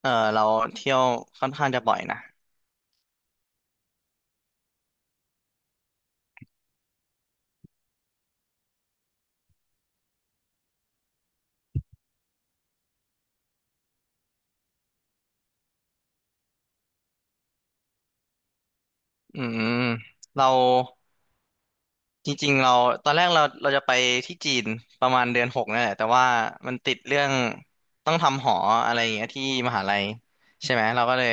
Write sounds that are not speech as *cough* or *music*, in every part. เออเราเที่ยวค่อนข้างจะบ่อยนะอืมเราจริงๆเราตอนแรกเราจะไปที่จีนประมาณเดือน 6นี่นแหละแต่ว่ามันติดเรื่องต้องทำหออะไรอย่างเงี้ยที่มหาลัยใช่ไหมเราก็เลย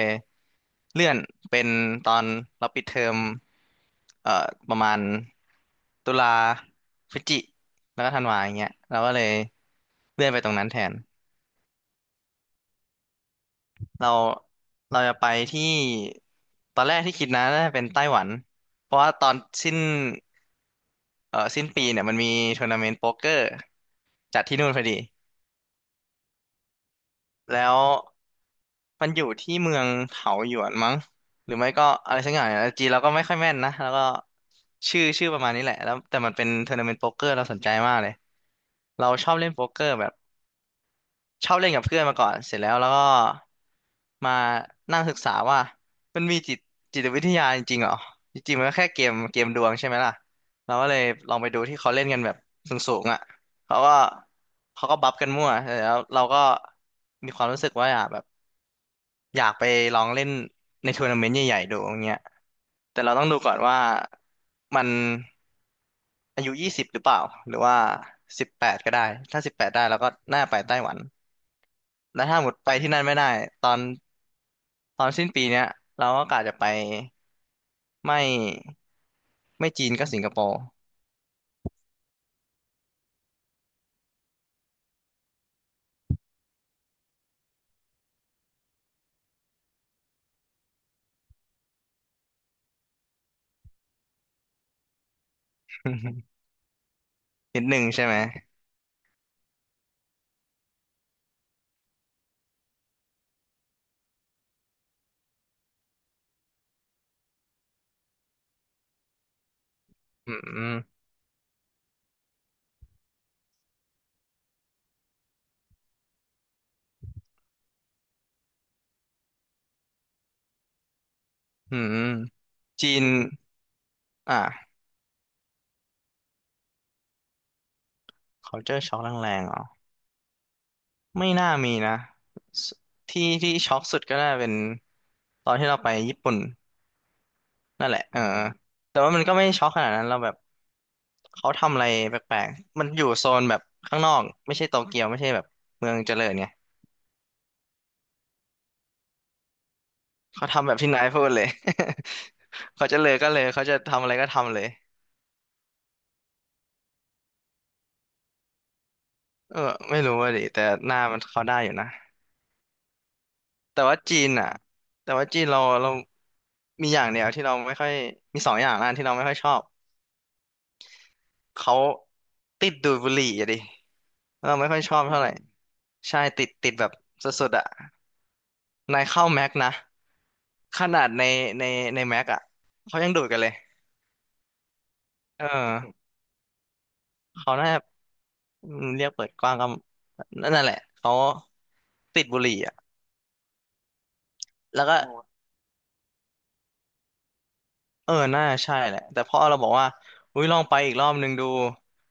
เลื่อนเป็นตอนเราปิดเทอมเอ่อประมาณตุลาพฤศจิแล้วก็ธันวาอย่างเงี้ยเราก็เลยเลื่อนไปตรงนั้นแทน เราเราจะไปที่ตอนแรกที่คิดนะน่าจะเป็นไต้หวันเพราะว่าตอนสิ้นสิ้นปีเนี่ยมันมีทัวร์นาเมนต์โป๊กเกอร์จัดที่นู่นพอดีแล้วมันอยู่ที่เมืองเถาหยวนมั้งหรือไม่ก็อะไรสักอย่างเนี่ยจีนเราก็ไม่ค่อยแม่นนะแล้วก็ชื่อประมาณนี้แหละแล้วแต่มันเป็นทัวร์นาเมนต์โป๊กเกอร์เราสนใจมากเลยเราชอบเล่นโป๊กเกอร์แบบ ชอบเล่นกับเพื่อนมาก่อนเสร็จแล้วแล้วก็มานั่งศึกษาว่ามันมีจิตวิทยาจริงๆเหรอจริงๆมันก็แค่เกมเกมดวงใช่ไหมล่ะเราก็เลยลองไปดูที่เขาเล่นกันแบบสูงๆอ่ะเขาก็เขาก็บัฟกันมั่วเสร็จแล้วเราก็มีความรู้สึกว่าอยากแบบอยากไปลองเล่นในทัวร์นาเมนต์ใหญ่ๆดูอย่างเงี้ยแต่เราต้องดูก่อนว่ามันอายุ20หรือเปล่าหรือว่าสิบแปดก็ได้ถ้าสิบแปดได้เราก็น่าไปไต้หวัน แล้วถ้าหมดไปที่นั่นไม่ได้ตอนตอนสิ้นปีเนี้ยเราก็กะจะไปไม่ไม่จีนก็สิงคโปร์ *laughs* นิดหนึ่งใช่ไหมอืมอืมอืมจีนอ่ะ culture shock แรงๆเหรอไม่น่ามีนะสที่ที่ช็อกสุดก็น่าเป็นตอนที่เราไปญี่ปุ่นนั่นแหละเออแต่ว่ามันก็ไม่ช็อกขนาดนั้นเราแบบเขาทำอะไรแปลกๆมันอยู่โซนแบบข้างนอกไม่ใช่โตเกียวไม่ใช่แบบเมืองเจริญไงเขาทำแบบที่นายพูดเลย *laughs* เขาจะเลยก็เลยเขาจะทำอะไรก็ทำเลยเออไม่รู้ว่าดิแต่หน้ามันเขาได้อยู่นะแต่ว่าจีนอ่ะแต่ว่าจีนเรามีอย่างเดียวที่เราไม่ค่อยมีสองอย่างนะที่เราไม่ค่อยชอบเขาติดดูดบุหรี่อะดิเราไม่ค่อยชอบเท่าไหร่ใช่ติดแบบสุดๆอ่ะนายเข้าแม็กนะขนาดในในแม็กอ่ะเขายังดูดกันเลยเออเขาน่าจะอืมเรียกเปิดกว้างก็นั่นแหละเขาติดบุหรี่อ่ะแล้วก็ เออน่าใช่แหละแต่พอเราบอกว่าอุ้ยลองไปอีกรอบนึงดู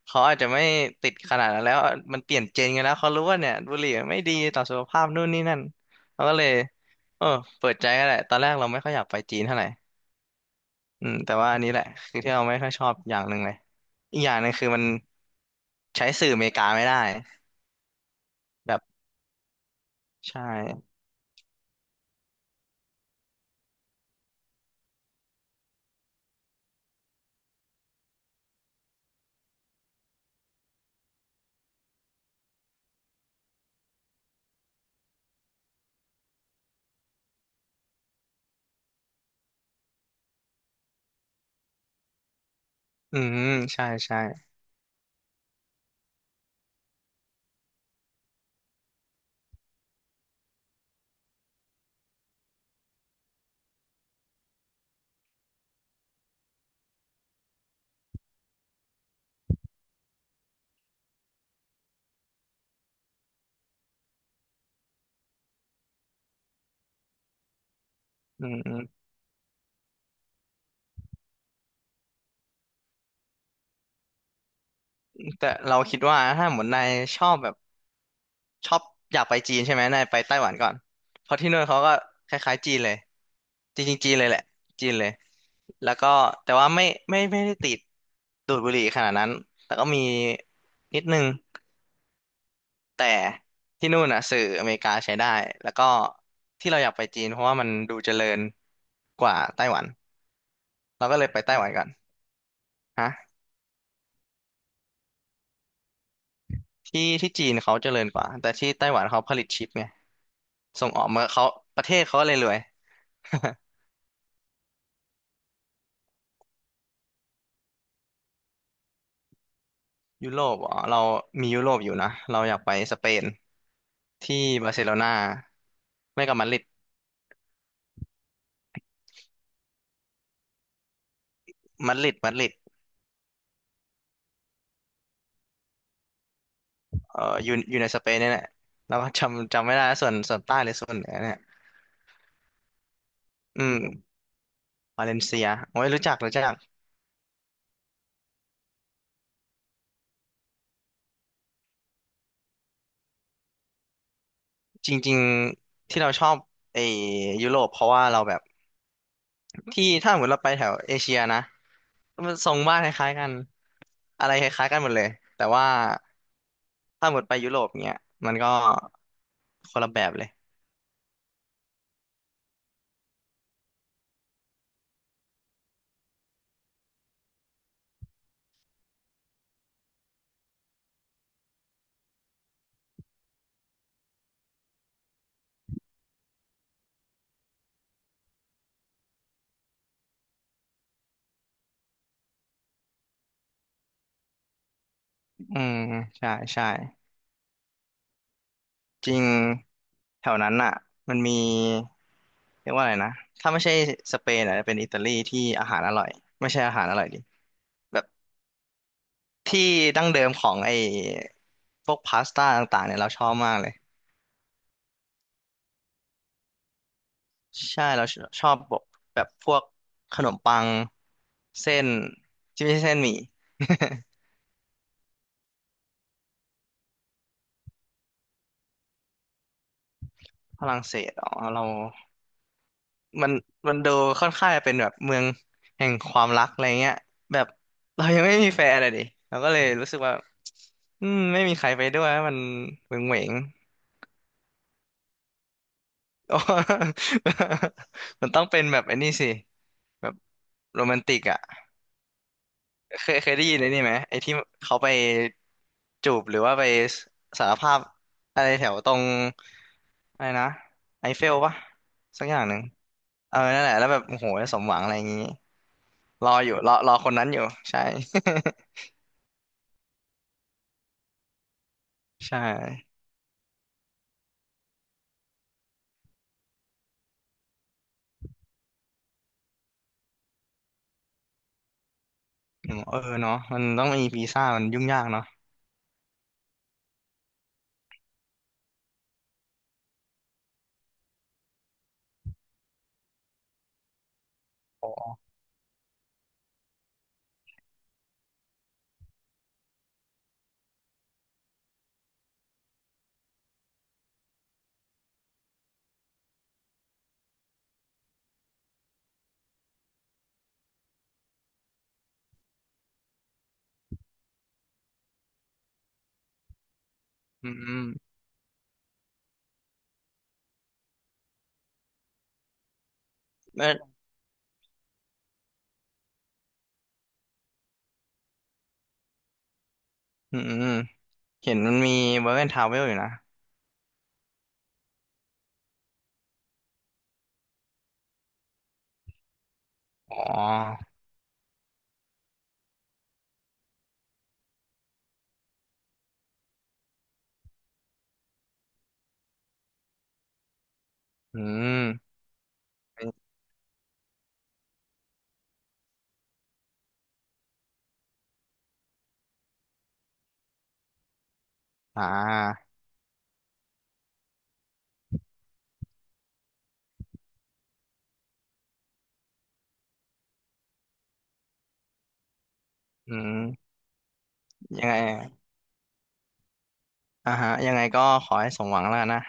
เขาอาจจะไม่ติดขนาดนั้นแล้วมันเปลี่ยนเจนกันแล้วเขารู้ว่าเนี่ยบุหรี่ไม่ดีต่อสุขภาพนู่นนี่นั่นเราก็เลยเออเปิดใจก็แหละตอนแรกเราไม่ค่อยอยากไปจีนเท่าไหร่อืมแต่ว่าอันนี้แหละคือที่เราไม่ค่อยชอบอย่างหนึ่งเลยอีกอย่างหนึ่งคือมันใช้สื่ออเมริกาไม่ได้แบบใช่อืมใช่ใช่อืมอืมแต่เราคิดว่าถ้าเหมือนนายชอบแบบ ชอบอยากไปจีนใช่ไหมนายไปไต้หวันก่อนเพราะที่นู่นเขาก็คล้ายๆจีนเลย จริงๆจีนเลยแหละจีนเลยแล้วก็แต่ว่าไม่ได้ติดดูดบุหรี่ขนาดนั้นแต่ก็มีนิดนึงแต่ที่นู่นน่ะสื่ออเมริกาใช้ได้แล้วก็ที่เราอยากไปจีนเพราะว่ามันดูเจริญกว่าไต้หวัน เราก็เลยไปไต้หวันก่อนฮะที่จีนเขาเจริญกว่าแต่ที่ไต้หวันเขาผลิตชิปไงส่งออกมาเขาประเทศเขาก็เลยรวย ยุโรปอ๋อเรามียุโรปอยู่นะเราอยากไปสเปนที่บาร์เซโลนาไม่ก็มาดริดมาดริดมาดริดเอ่ออยู่อยู่ในสเปนเนี่ยแหละเราก็จำไม่ได้ส่วนใต้หรือส่วนเหนือเนี่ยอืมวาเลนเซียโอ้ยรู้จักรู้จักจริงๆที่เราชอบไอ้ยุโรปเพราะว่าเราแบบที่ถ้าเหมือนเราไปแถวเอเชียนะมันทรงบ้านคล้ายๆกันอะไรคล้ายๆกันหมดเลยแต่ว่าถ้าหมดไปยุโรปเนี้ยมันก็คนละแบบเลย อืมใช่ใช่จริงแถวนั้นอ่ะมันมีเรียกว่าอะไรนะถ้าไม่ใช่สเปนอ่ะจะเป็นอิตาลีที่อาหารอร่อยไม่ใช่อาหารอร่อยดิแบบที่ดั้งเดิมของไอ้พวกพาสต้าต่างๆเนี่ยเราชอบมากเลยใช่เราชอบแบบแบบพวกขนมปังเส้นที่ไม่ใช่เส้นหมี่ *laughs* ฝรั่งเศสอ๋อเรา มันมันดูค่อนข้างจะเป็นแบบเมืองแห่งความรักอะไรเงี้ยแบบเรายังไม่มีแฟนเลยดิเราก็เลยรู้สึกว่าอืมไม่มีใครไปด้วยมันเหวงเหวง *laughs* ๆอ๋อ *laughs* มันต้องเป็นแบบไอ้นี่สิแบบโรแมนติกอ่ะเคยได้ยินไอ้นี่ไหมไอ้ที่เขาไปจูบหรือว่าไปสารภาพอะไรแถวตรงอะไรนะไอเฟลปะสักอย่างหนึ่งเออนั่นแหละแล้วแบบโอ้โหสมหวังอะไรอย่างงี้รออยู่รอคนนั้นอยู่ใช่ *laughs* ใช่อืมเออเนาะมันต้องมีวีซ่ามันยุ่งยากเนาะอ๋ออืมเอออืมอืมเห็นมันมีเวิร์กแอนด์ทราเวลอยู่นะอ๋ออืมอ่าอืมยังไงอ่ะอ่าฮะยังไงก็ขอให้สมหวังแล้วกันนะ